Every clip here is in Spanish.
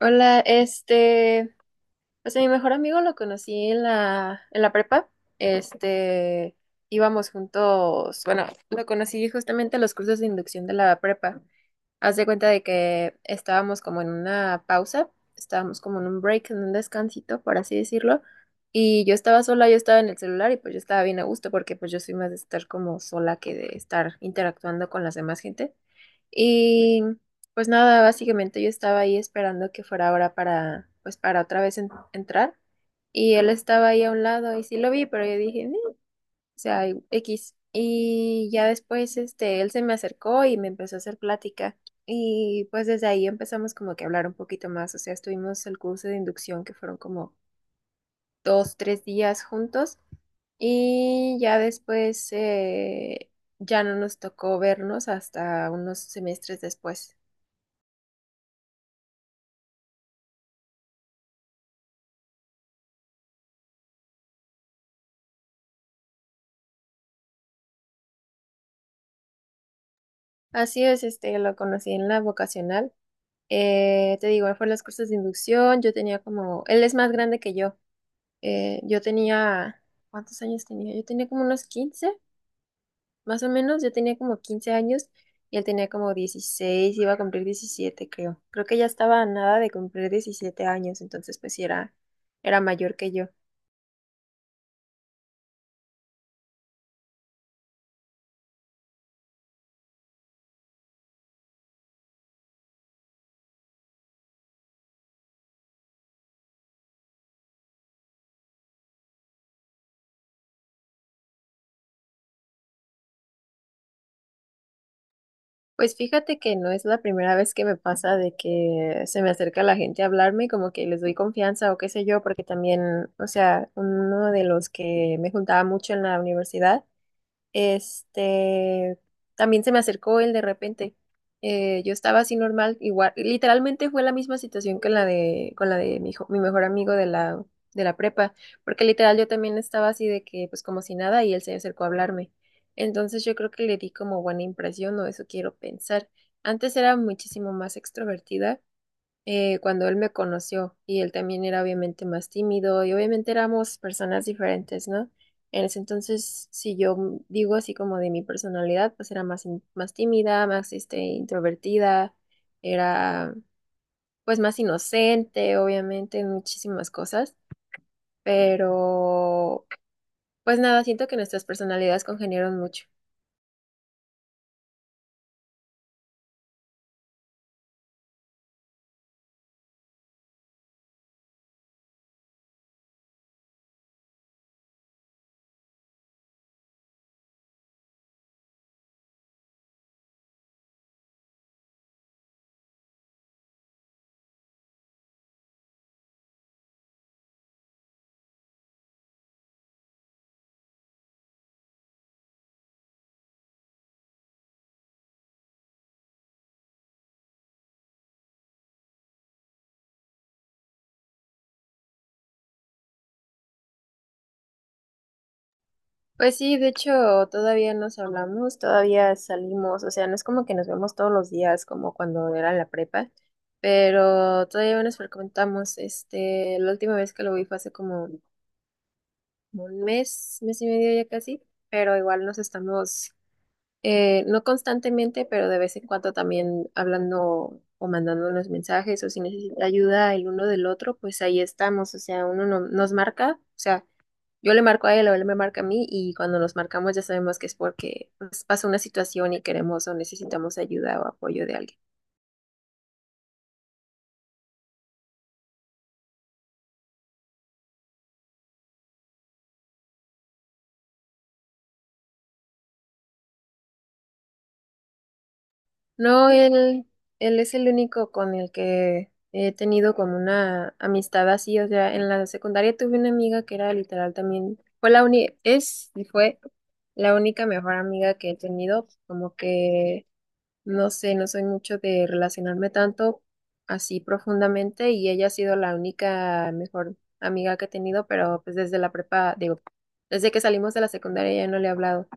Hola, pues a mi mejor amigo lo conocí en la prepa. Este, íbamos juntos, bueno, lo conocí justamente en los cursos de inducción de la prepa. Haz de cuenta de que estábamos como en una pausa, estábamos como en un break, en un descansito, por así decirlo. Y yo estaba sola, yo estaba en el celular y pues yo estaba bien a gusto porque pues yo soy más de estar como sola que de estar interactuando con las demás gente. Y pues nada, básicamente yo estaba ahí esperando que fuera hora para, pues para otra vez entrar. Y él estaba ahí a un lado y sí lo vi, pero yo dije, "Ni", o sea, X. Y ya después, él se me acercó y me empezó a hacer plática. Y pues desde ahí empezamos como que a hablar un poquito más. O sea, estuvimos el curso de inducción que fueron como 2, 3 días juntos. Y ya después, ya no nos tocó vernos hasta unos semestres después. Así es, lo conocí en la vocacional. Te digo, fue en los cursos de inducción, yo tenía como, él es más grande que yo. Yo tenía, ¿cuántos años tenía? Yo tenía como unos 15, más o menos, yo tenía como 15 años y él tenía como 16, iba a cumplir 17, creo. Creo que ya estaba a nada de cumplir 17 años, entonces pues sí era mayor que yo. Pues fíjate que no es la primera vez que me pasa de que se me acerca la gente a hablarme, y como que les doy confianza o qué sé yo, porque también, o sea, uno de los que me juntaba mucho en la universidad, este, también se me acercó él de repente. Yo estaba así normal, igual, literalmente fue la misma situación que la de, con la de mi mejor amigo de la prepa, porque literal yo también estaba así de que, pues como si nada, y él se acercó a hablarme. Entonces yo creo que le di como buena impresión, o eso quiero pensar. Antes era muchísimo más extrovertida cuando él me conoció y él también era obviamente más tímido y obviamente éramos personas diferentes, ¿no? En ese entonces, si yo digo así como de mi personalidad, pues era más tímida, más introvertida, era pues más inocente, obviamente, en muchísimas cosas, pero pues nada, siento que nuestras personalidades congeniaron mucho. Pues sí, de hecho, todavía nos hablamos, todavía salimos, o sea, no es como que nos vemos todos los días como cuando era la prepa, pero todavía nos frecuentamos, la última vez que lo vi fue hace como un mes, mes y medio ya casi, pero igual nos estamos, no constantemente, pero de vez en cuando también hablando o mandándonos mensajes o si necesita ayuda el uno del otro, pues ahí estamos, o sea, uno nos marca, o sea, yo le marco a él o él me marca a mí y cuando nos marcamos ya sabemos que es porque pues, pasa una situación y queremos o necesitamos ayuda o apoyo de alguien. No, él es el único con el que he tenido como una amistad así. O sea, en la secundaria tuve una amiga que era literal también, fue la uni, es y fue la única mejor amiga que he tenido, como que no sé, no soy mucho de relacionarme tanto así profundamente y ella ha sido la única mejor amiga que he tenido, pero pues desde la prepa, digo, desde que salimos de la secundaria ya no le he hablado.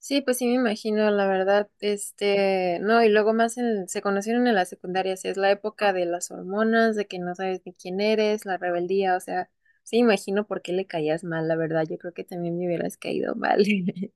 Sí, pues sí me imagino, la verdad, no, y luego más se conocieron en la secundaria, sí, es la época de las hormonas, de que no sabes ni quién eres, la rebeldía, o sea, sí me imagino por qué le caías mal, la verdad, yo creo que también me hubieras caído mal.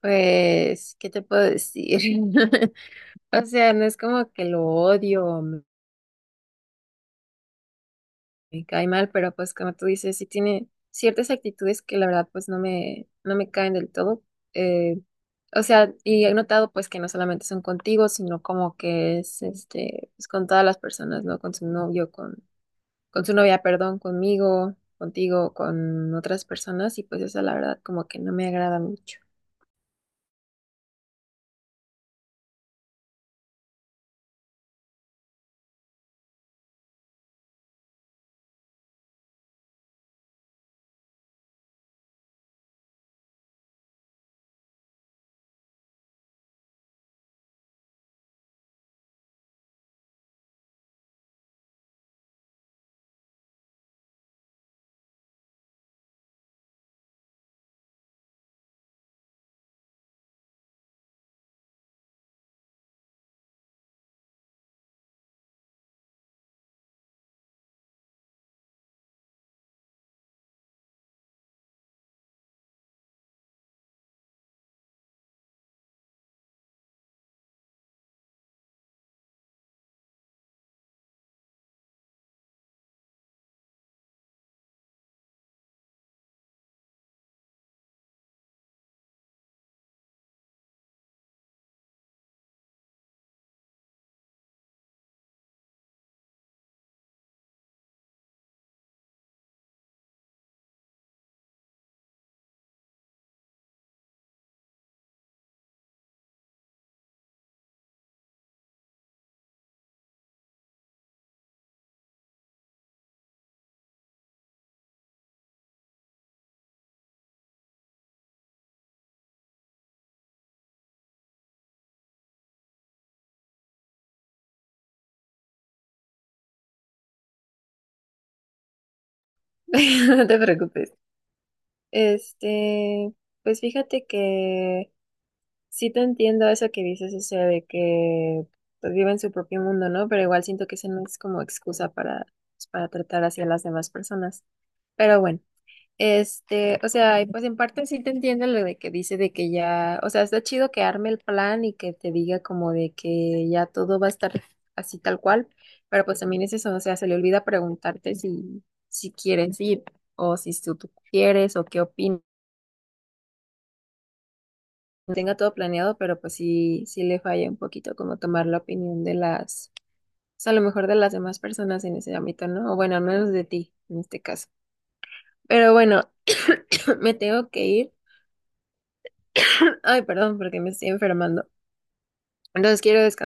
Pues, ¿qué te puedo decir? O sea, no es como que lo odio o me cae mal, pero pues como tú dices, sí tiene ciertas actitudes que la verdad pues no me caen del todo. Eh, o sea, y he notado pues que no solamente son contigo, sino como que es pues con todas las personas, ¿no? Con su novio, con su novia, perdón, conmigo, contigo, con otras personas, y pues eso la verdad como que no me agrada mucho. No te preocupes. Este, pues fíjate que sí te entiendo eso que dices, o sea, de que pues, viven su propio mundo, ¿no? Pero igual siento que esa no es como excusa para, pues, para tratar hacia las demás personas. Pero bueno, o sea, y pues en parte sí te entiendo lo de que dice de que ya, o sea, está chido que arme el plan y que te diga como de que ya todo va a estar así tal cual, pero pues también es eso, o sea, se le olvida preguntarte si quieres ir o si tú quieres o qué opinas tenga todo planeado, pero pues sí, sí le falla un poquito como tomar la opinión de las, o sea, a lo mejor de las demás personas en ese ámbito, ¿no? O bueno, al menos de ti en este caso. Pero bueno, me tengo que ir. Ay, perdón, porque me estoy enfermando. Entonces quiero descansar.